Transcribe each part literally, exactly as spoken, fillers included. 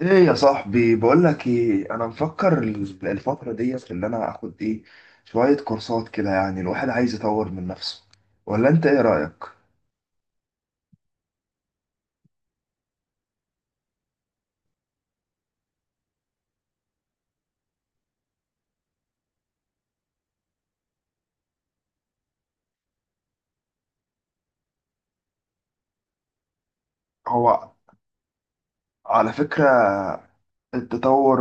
ايه يا صاحبي، بقول لك ايه. انا مفكر ال- الفتره ديت اللي انا اخد ايه شويه كورسات كده. يعني الواحد عايز يطور من نفسه. ولا انت ايه رايك؟ هو على فكره التطور،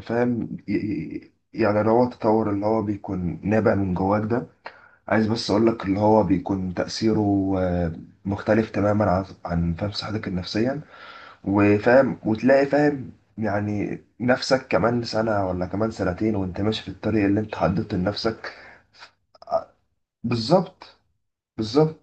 فاهم؟ ي- ي- يعني اللي هو التطور اللي هو بيكون نابع من جواك ده. عايز بس اقول لك اللي هو بيكون تاثيره آه، مختلف تماما عن عن فاهم صحتك النفسيه. وفاهم وتلاقي فاهم يعني نفسك كمان سنة ولا كمان سنتين وانت ماشي في الطريق اللي انت حددته لنفسك. بالظبط، بالظبط.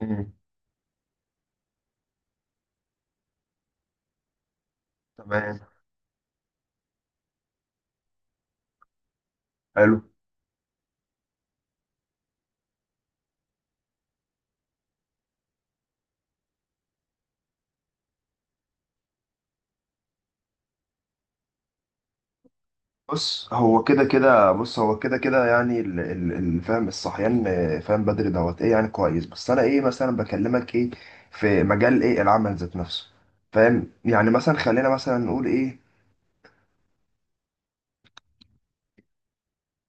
مم. تمام. حلو. بص هو كده كده، بص هو كده كده يعني ال- ال- ال- فاهم الصحيان، آه، فاهم بدري دوت ايه يعني، كويس. بس انا ايه مثلا بكلمك ايه في مجال ايه العمل ذات نفسه، فاهم؟ يعني مثلا خلينا مثلا نقول ايه.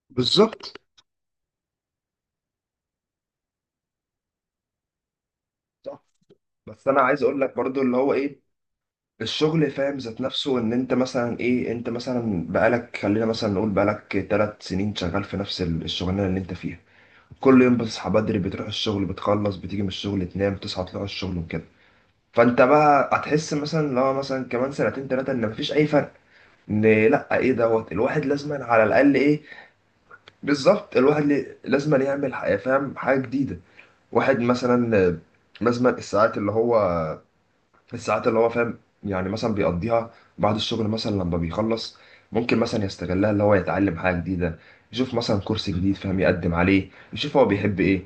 بالظبط. صح. بس انا عايز اقول لك برضو اللي هو ايه الشغل فاهم ذات نفسه، ان انت مثلا ايه، انت مثلا بقالك، خلينا مثلا نقول، بقالك ثلاث سنين شغال في نفس ال- الشغلانه اللي انت فيها. كل يوم بتصحى بدري بتروح الشغل بتخلص بتيجي من الشغل تنام تصحى تروح الشغل وكده. فانت بقى هتحس مثلا لو مثلا كمان سنتين ثلاثه ان مفيش اي فرق. ان لا، ايه دوت الواحد لازما على الاقل ايه. بالظبط. الواحد لي- لازما يعمل ح- فاهم حاجه جديده. واحد مثلا لازما الساعات اللي هو، الساعات اللي هو فاهم يعني مثلا بيقضيها بعد الشغل مثلا لما بيخلص، ممكن مثلا يستغلها اللي هو يتعلم حاجة جديدة، يشوف مثلا كورس جديد فاهم، يقدم عليه، يشوف هو بيحب ايه.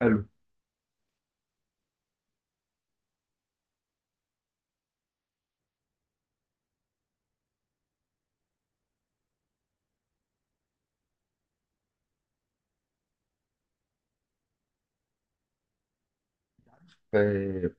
حلو. آه،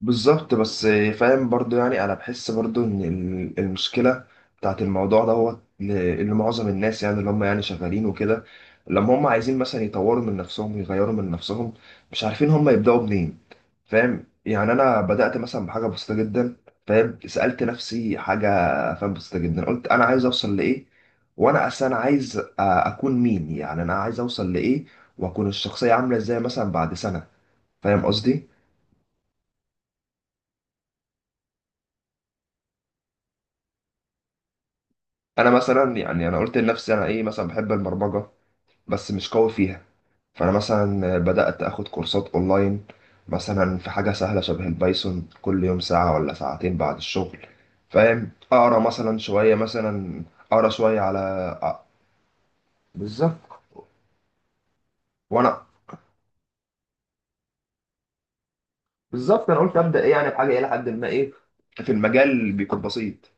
بالظبط. بس آه، فاهم برضو، يعني انا بحس برضو ان ال- المشكلة بتاعت الموضوع دوت ل- اللي معظم الناس، يعني اللي هم يعني شغالين وكده، لما هم عايزين مثلا يطوروا من نفسهم ويغيروا من نفسهم، مش عارفين هم يبدأوا منين. فاهم؟ يعني انا بدات مثلا بحاجه بسيطه جدا. فاهم، سالت نفسي حاجه، فاهم، بسيطه جدا. قلت انا عايز اوصل لايه، وانا اصلا عايز أ- اكون مين، يعني انا عايز اوصل لايه، واكون الشخصيه عامله ازاي مثلا بعد سنه. فاهم قصدي؟ انا مثلا، يعني انا قلت لنفسي انا ايه، مثلا بحب البرمجه بس مش قوي فيها. فانا مثلا بدات اخد كورسات اونلاين مثلا في حاجه سهله شبه البايثون، كل يوم ساعه ولا ساعتين بعد الشغل، فاهم، اقرا مثلا شويه مثلا، اقرا شويه على آه، بالظبط. وانا بالظبط انا قلت ابدا ايه يعني بحاجه الى حد ما ايه في المجال اللي بيكون بسيط.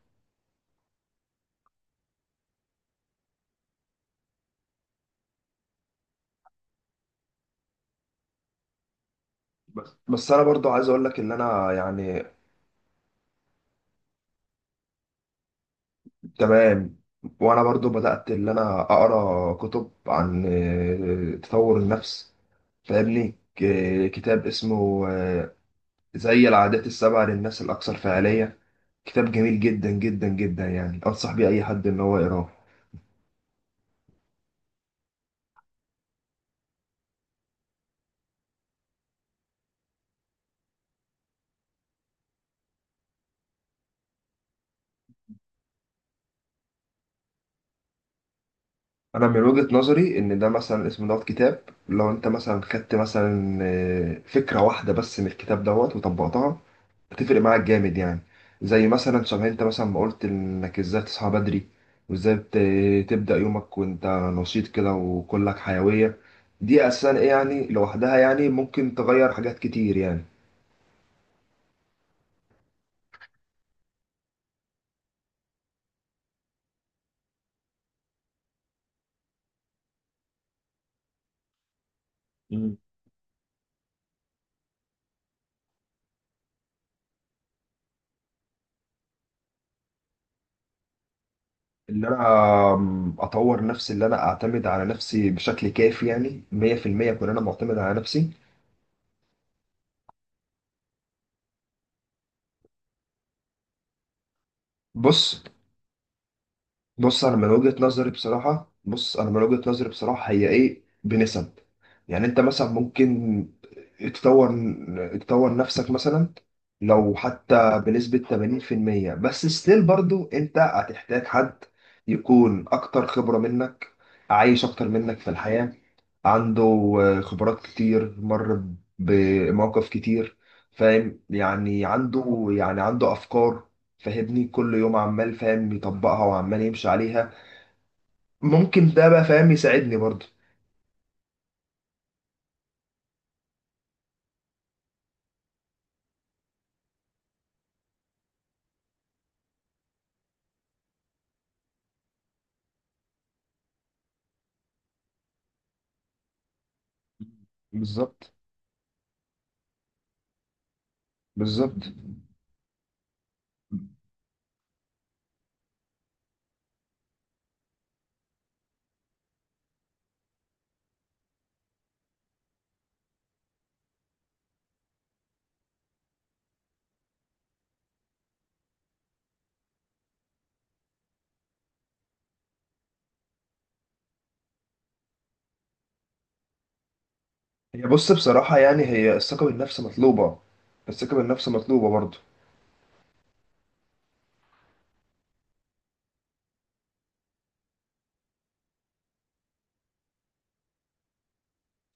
بس بس انا برضو عايز اقول لك ان انا يعني تمام. وانا برضو بدات ان انا اقرا كتب عن آه، تطور النفس. فاهمني ك- كتاب اسمه آه، زي العادات السبع للناس الاكثر فعاليه. كتاب جميل جدا جدا جدا، يعني انصح بيه اي حد ان هو يقراه. انا من وجهة نظري ان ده مثلا اسم دوت كتاب، لو انت مثلا خدت مثلا آه، فكرة واحدة بس من الكتاب دوت وطبقتها، هتفرق معاك جامد يعني. زي مثلا شبه انت مثلا ما قلت، انك ازاي تصحى بدري وازاي بت- تبدأ يومك وانت نشيط كده وكلك حيوية. دي اساسا ايه يعني لوحدها يعني ممكن تغير حاجات كتير يعني. مم. ان انا آم، اطور نفسي اللي انا اعتمد على نفسي بشكل كافي، يعني مية في المية اكون انا معتمد على نفسي. بص. بص انا من وجهة نظري بصراحة بص انا من وجهة نظري بصراحة، هي ايه بنسب. يعني انت مثلا ممكن تطور تطور نفسك مثلا لو حتى بنسبة تمانين في المية، بس ستيل برضو انت هتحتاج حد يكون اكتر خبرة منك، عايش اكتر منك في الحياة، عنده آه، خبرات كتير، مر بمواقف كتير. فاهم يعني عنده، يعني عنده افكار، فاهمني، كل يوم عمال فاهم يطبقها وعمال يمشي عليها. ممكن ده بقى فاهم يساعدني برضه. بالظبط، بالظبط. هي بص بصراحة يعني، هي الثقة بالنفس مطلوبة. الثقة بالنفس مطلوبة برضه.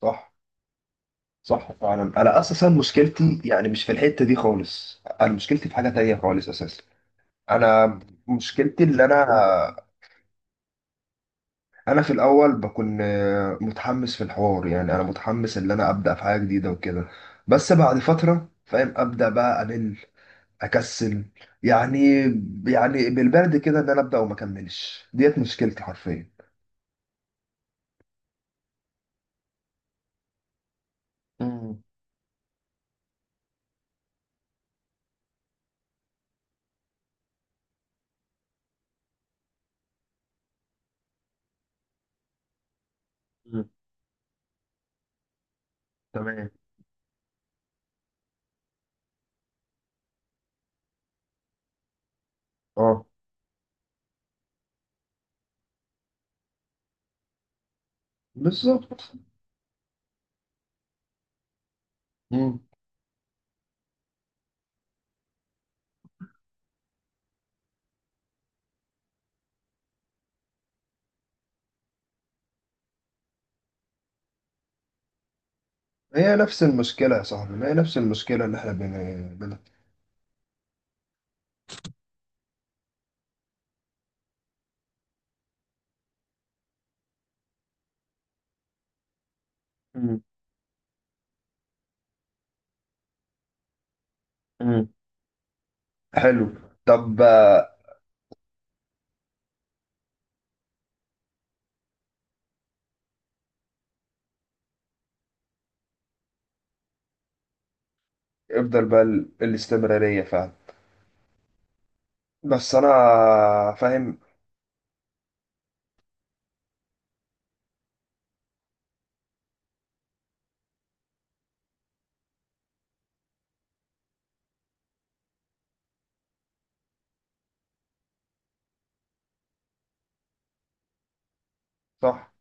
صح. صح فعلا. أنا أساسا مشكلتي يعني مش في الحتة دي خالص. أنا مشكلتي في حاجة تانية خالص أساسا. أنا مشكلتي اللي أنا، أنا في الأول بكون آه، متحمس في الحوار. يعني أنا متحمس إن أنا أبدأ في حاجة جديدة وكده، بس بعد فترة فاهم أبدأ بقى أمل، اكسل يعني. يعني بالبرد كده ان انا ابدا وما اكملش، ديت مشكلتي حرفيا. مم. مم. تمام. اه. بالظبط. مم. هي نفس المشكله يا صاحبي، ما هي نفس المشكله اللي احنا بن... بن... مم. مم. حلو. طب آه، افضل بقى ال- الاستمراريه فعلا. بس انا فاهم صح.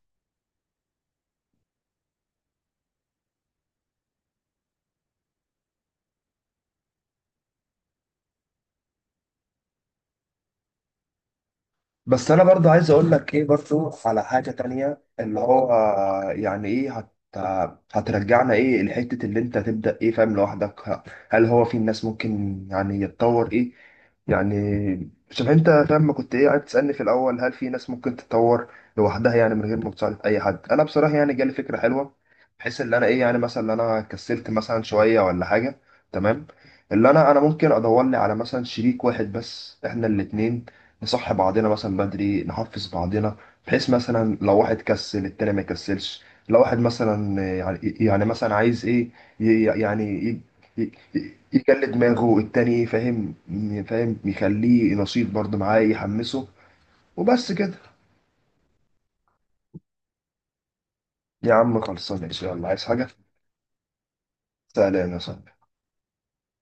بس انا برضه عايز اقول لك ايه برضه على حاجه تانية، اللي هو آه، يعني ايه، هت هترجعنا ايه لحته، اللي انت تبدا ايه فاهم لوحدك. ه- هل هو في الناس ممكن يعني يتطور ايه يعني. شوف انت فاهم، ما كنت ايه قاعد تسالني في الاول، هل في ناس ممكن تتطور لوحدها يعني من غير ما تساعد اي حد. انا بصراحه يعني جالي فكره حلوه، بحيث ان انا ايه يعني مثلا، إن انا كسلت مثلا شويه ولا حاجه. تمام. اللي انا، انا ممكن ادور لي على مثلا شريك واحد بس، احنا الاتنين نصح بعضنا مثلا بدري، نحفز بعضنا، بحيث مثلا لو واحد كسل التاني ما يكسلش. لو واحد مثلا آه، يعني يعني مثلا عايز ايه، ي- يعني ي- يعني ي- ي- يجلد دماغه التاني فاهم. فاهم يخليه نشيط برضه معاه، يحمسه. وبس كده. يا عم خلصانه ان شاء الله، عايز حاجه؟ سلام يا صاحبي.